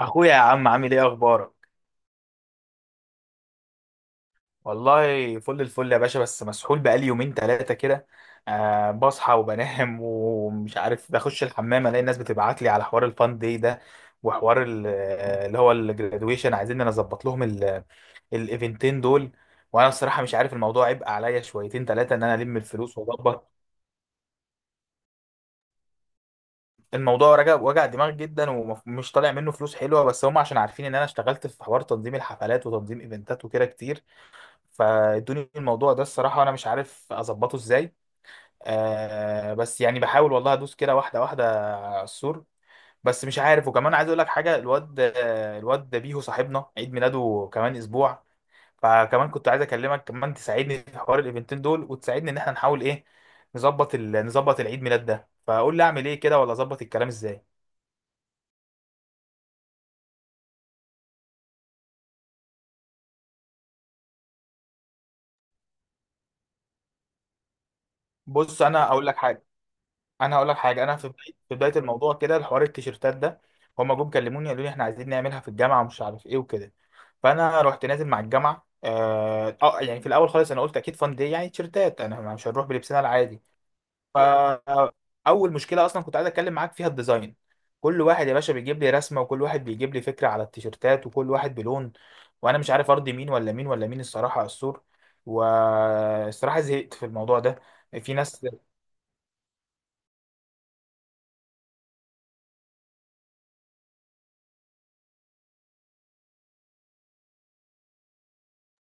اخويا يا عم، عامل ايه؟ اخبارك؟ والله فل الفل يا باشا. بس مسحول بقالي يومين ثلاثه كده. بصحى وبنام ومش عارف، بخش الحمام الاقي الناس بتبعت لي على حوار الفان داي ده وحوار اللي هو الجرادويشن. عايزين انا اظبط لهم الايفنتين دول. وانا الصراحه مش عارف. الموضوع عبء عليا شويتين ثلاثه ان انا الم الفلوس واظبط. الموضوع رجع وجع دماغ جدا، ومش طالع منه فلوس حلوه، بس هم عشان عارفين ان انا اشتغلت في حوار تنظيم الحفلات وتنظيم ايفنتات وكده كتير فادوني الموضوع ده. الصراحة أنا مش عارف أظبطه إزاي. بس يعني بحاول والله أدوس كده واحدة واحدة على السور. بس مش عارف. وكمان عايز أقول لك حاجة، الواد الواد بيهو صاحبنا عيد ميلاده كمان أسبوع. فكمان كنت عايز أكلمك كمان تساعدني في حوار الإيفنتين دول، وتساعدني إن إحنا نحاول إيه، نظبط العيد ميلاد ده. فقول لي أعمل إيه كده؟ ولا أظبط الكلام إزاي؟ بص أنا أقول لك حاجة. انا هقول لك حاجه. انا في بدايه الموضوع كده الحوار التيشيرتات ده. هما جم كلموني قالوا لي احنا عايزين نعملها في الجامعه ومش عارف ايه وكده. فانا رحت نازل مع الجامعه. يعني في الاول خالص انا قلت اكيد فان دي يعني تيشيرتات، انا مش هنروح بلبسنا العادي. فاول مشكله اصلا كنت عايز اتكلم معاك فيها الديزاين. كل واحد يا باشا بيجيب لي رسمه، وكل واحد بيجيب لي فكره على التيشيرتات، وكل واحد بلون. وانا مش عارف ارضي مين ولا مين ولا مين الصراحه على السور. والصراحه زهقت في الموضوع ده. في ناس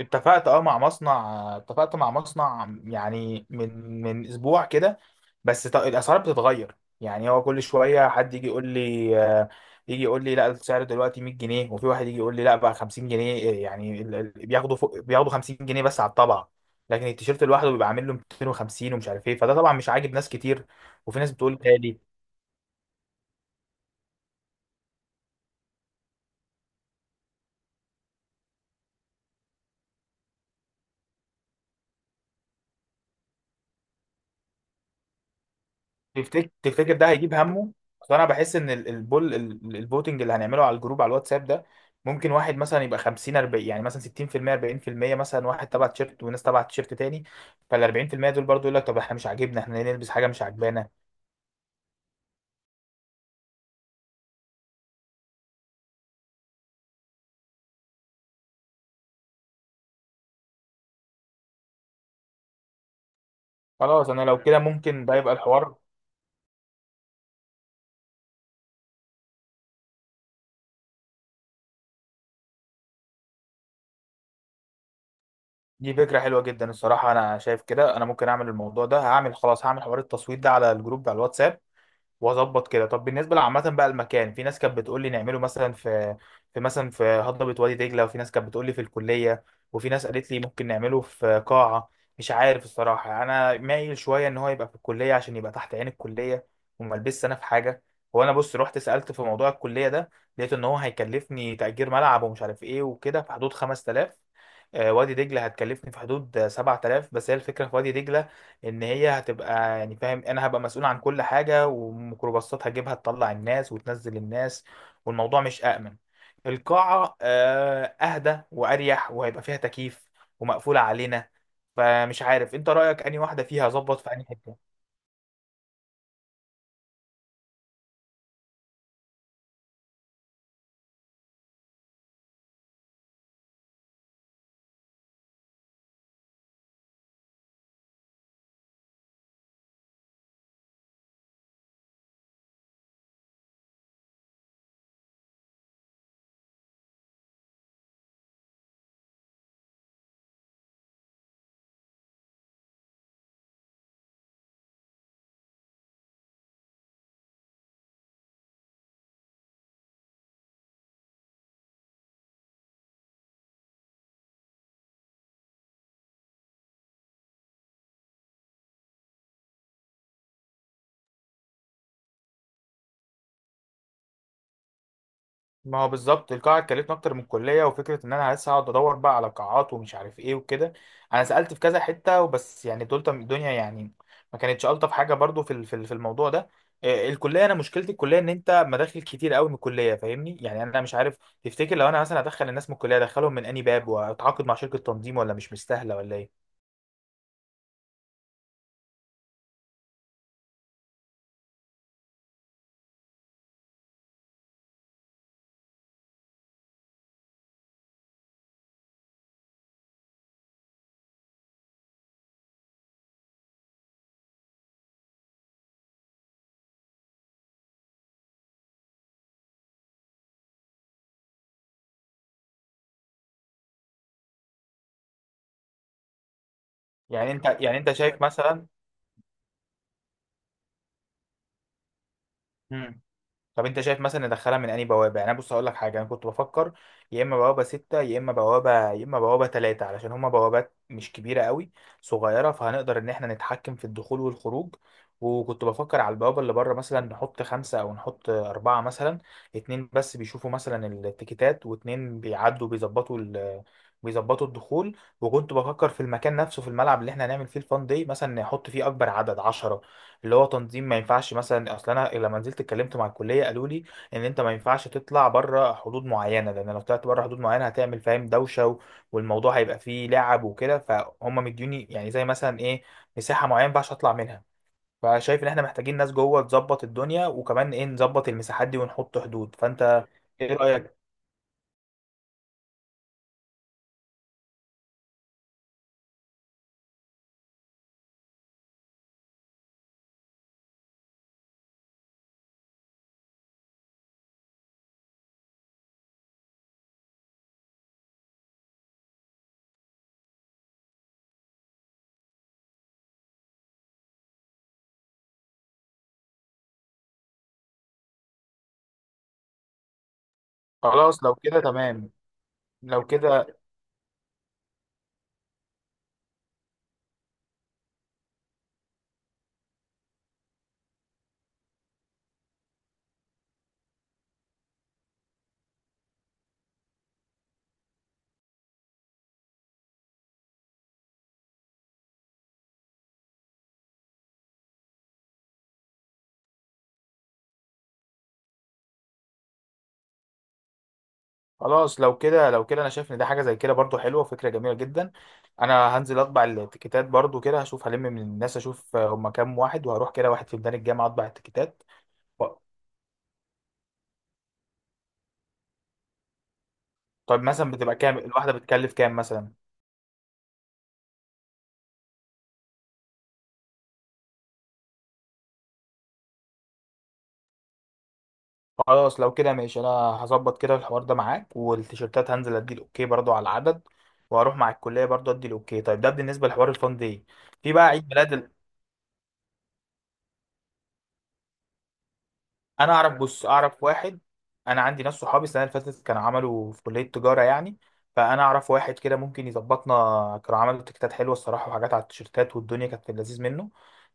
اتفقت مع مصنع يعني من اسبوع كده. بس الاسعار بتتغير. يعني هو كل شويه حد يجي يقول لي لا، السعر دلوقتي 100 جنيه. وفي واحد يجي يقول لي لا، بقى 50 جنيه. إيه يعني؟ بياخدوا فوق، بياخدوا 50 جنيه بس على الطبعه. لكن التيشيرت لوحده بيبقى عامل له 250 ومش عارف ايه. فده طبعا مش عاجب ناس كتير، وفي ناس بتقول غالي. تفتكر ده هيجيب همه؟ اصل انا بحس ان البول الفوتنج اللي هنعمله على الجروب على الواتساب ده، ممكن واحد مثلا يبقى 50 40، يعني مثلا 60% 40%، مثلا واحد تبع تيشيرت وناس تبع تيشيرت تاني. فال 40% دول برضو يقول لك طب احنا مش عاجبنا، احنا ليه نلبس حاجه مش عاجبانا؟ خلاص انا لو كده ممكن ده يبقى الحوار. دي فكره حلوه جدا الصراحه. انا شايف كده انا ممكن اعمل الموضوع ده. هعمل خلاص، هعمل حوار التصويت ده على الجروب على الواتساب واظبط كده. طب بالنسبه لعامه بقى المكان، في ناس كانت بتقول لي نعمله مثلا في هضبه وادي دجله، وفي ناس كانت بتقول لي في الكليه، وفي ناس قالت لي ممكن نعمله في قاعه. مش عارف الصراحه. يعني انا مايل شويه ان هو يبقى في الكليه عشان يبقى تحت عين الكليه، وما البسش انا في حاجه. هو انا بص رحت سالت في موضوع الكليه ده، لقيت ان هو هيكلفني تاجير ملعب ومش عارف ايه وكده في حدود 5000. وادي دجله هتكلفني في حدود 7000. بس هي الفكره في وادي دجله ان هي هتبقى، يعني فاهم، انا هبقى مسؤول عن كل حاجه، وميكروباصات هجيبها تطلع الناس وتنزل الناس، والموضوع مش امن. القاعه اهدى واريح وهيبقى فيها تكييف ومقفوله علينا. فمش عارف انت رايك انهي واحده؟ فيها اظبط في انهي حته؟ ما هو بالظبط القاعة اتكلفنا أكتر من الكلية، وفكرة إن أنا لسه هقعد أدور بقى على قاعات ومش عارف إيه وكده. أنا سألت في كذا حتة، وبس يعني دول الدنيا يعني ما كانتش ألطف حاجة برضو في في الموضوع ده. الكلية، أنا مشكلتي الكلية إن أنت مداخل كتير قوي من الكلية، فاهمني؟ يعني أنا مش عارف. تفتكر لو أنا مثلا أدخل الناس من الكلية أدخلهم من أنهي باب، وأتعاقد مع شركة تنظيم، ولا مش مستاهلة ولا إيه؟ يعني أنت شايف مثلا؟ طب انت شايف مثلا ندخلها من انهي بوابه؟ يعني انا بص هقول لك حاجه، انا كنت بفكر يا اما بوابه ستة، يا اما بوابه ثلاثة، علشان هما بوابات مش كبيره قوي، صغيره، فهنقدر ان احنا نتحكم في الدخول والخروج. وكنت بفكر على البوابه اللي بره مثلا نحط خمسه او نحط اربعه، مثلا اتنين بس بيشوفوا مثلا التيكيتات، واتنين بيعدوا بيظبطوا الدخول. وكنت بفكر في المكان نفسه في الملعب اللي احنا هنعمل فيه الفان دي، مثلا نحط فيه اكبر عدد 10، اللي هو تنظيم. ما ينفعش مثلا، اصل انا لما نزلت اتكلمت مع الكليه قالوا لي ان انت ما ينفعش تطلع بره حدود معينه، لان لو طلعت بره حدود معينه هتعمل، فاهم، دوشه والموضوع هيبقى فيه لعب وكده، فهم مديوني يعني زي مثلا ايه، مساحه معينه ما ينفعش اطلع منها. فشايف ان احنا محتاجين ناس جوه تظبط الدنيا، وكمان ايه، نظبط المساحات دي ونحط حدود. فانت ايه رايك؟ خلاص لو كده تمام. لو كده خلاص. لو كده، لو كده، انا شايف ان ده حاجه زي كده برضو حلوه وفكره جميله جدا. انا هنزل اطبع التيكيتات برضو كده. هشوف هلم من الناس اشوف هم كام واحد، وهروح كده واحد في ميدان الجامعه اطبع التيكيتات و- طيب مثلا بتبقى كام الواحده؟ بتكلف كام مثلا؟ خلاص لو كده ماشي. انا هظبط كده الحوار ده معاك. والتيشيرتات هنزل ادي الاوكي برضو على العدد، وهروح مع الكليه برضو ادي الاوكي. طيب ده بالنسبه لحوار الفان دي، في بقى عيد ميلاد. انا اعرف، بص اعرف واحد. انا عندي ناس صحابي السنه اللي فاتت كانوا عملوا في كليه تجاره يعني، فانا اعرف واحد كده ممكن يظبطنا. كانوا عملوا تيكتات حلوه الصراحه، وحاجات على التيشيرتات، والدنيا كانت في اللذيذ منه.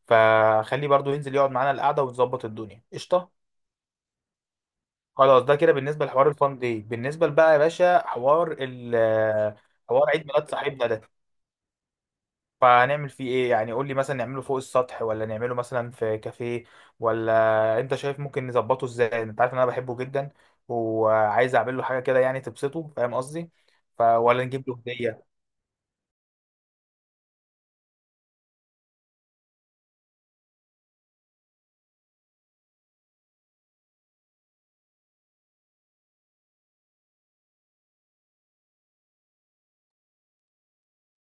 فخليه برضو ينزل يقعد معانا القعده ونظبط الدنيا قشطه. خلاص ده كده بالنسبه لحوار الفان دي. بالنسبه بقى يا باشا حوار ال حوار عيد ميلاد صاحبنا ده، فهنعمل فيه ايه يعني؟ قول لي مثلا نعمله فوق السطح، ولا نعمله مثلا في كافيه، ولا انت شايف ممكن نظبطه ازاي؟ انت عارف ان انا بحبه جدا وعايز اعمل له حاجه كده يعني تبسطه، فاهم قصدي؟ ولا نجيب له هديه.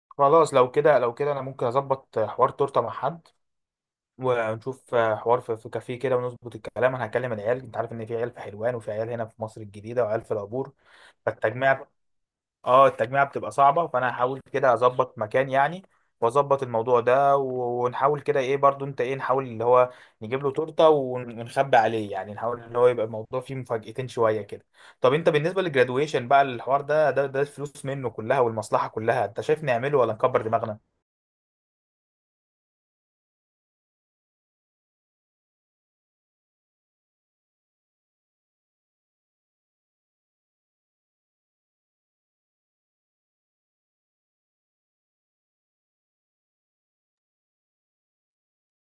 خلاص لو كده، لو كده انا ممكن اظبط حوار تورته مع حد، ونشوف حوار في في كافيه كده، ونظبط الكلام. انا هكلم العيال. انت عارف ان في عيال في حلوان، وفي عيال هنا في مصر الجديده، وعيال في العبور، فالتجميع، اه التجميعة بتبقى صعبة. فانا هحاول كده اظبط مكان يعني، واظبط الموضوع ده ونحاول كده ايه برضو. انت ايه؟ نحاول اللي هو نجيب له تورتة، ونخبي عليه. يعني نحاول ان هو يبقى الموضوع فيه مفاجأتين شوية كده. طب انت بالنسبة للجرادويشن بقى الحوار ده، الفلوس منه كلها والمصلحة كلها، انت شايف نعمله ولا نكبر دماغنا؟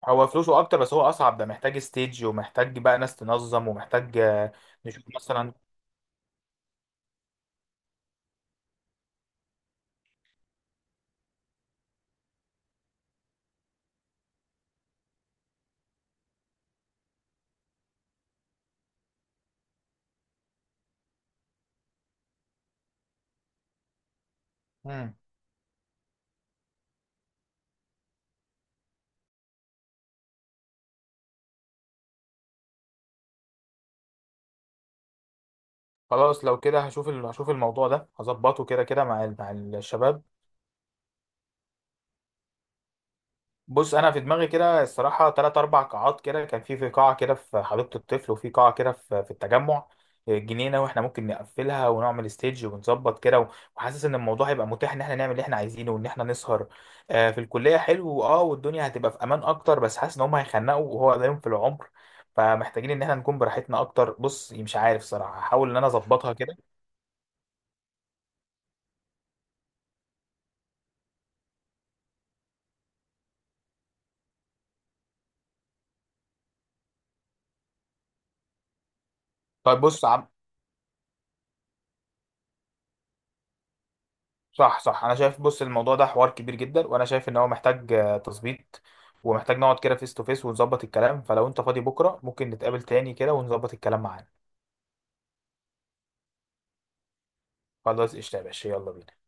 هو فلوسه اكتر بس هو اصعب. ده محتاج ستيج ومحتاج بقى ناس تنظم ومحتاج، نشوف مثلا. مم. خلاص لو كده هشوف الموضوع ده هظبطه كده كده مع مع الشباب. بص انا في دماغي كده الصراحه ثلاث اربع قاعات كده. كان في قاعه كده في حديقه الطفل، وفي قاعه كده في التجمع، جنينه، واحنا ممكن نقفلها ونعمل ستيج ونظبط كده وحاسس ان الموضوع هيبقى متاح ان احنا نعمل اللي احنا عايزينه وان احنا نسهر. في الكليه حلو اه، والدنيا هتبقى في امان اكتر، بس حاسس ان هم هيخنقوا وهو قدامهم في العمر، فمحتاجين ان احنا نكون براحتنا اكتر. بص مش عارف صراحه. هحاول ان انا اظبطها كده. طيب بص صح صح. انا شايف بص الموضوع ده حوار كبير جدا، وانا شايف ان هو محتاج تظبيط، ومحتاج نقعد كده فيس تو فيس ونظبط الكلام. فلو انت فاضي بكره ممكن نتقابل تاني كده ونظبط الكلام معانا. خلاص قشطة يا باشا. يلا بينا.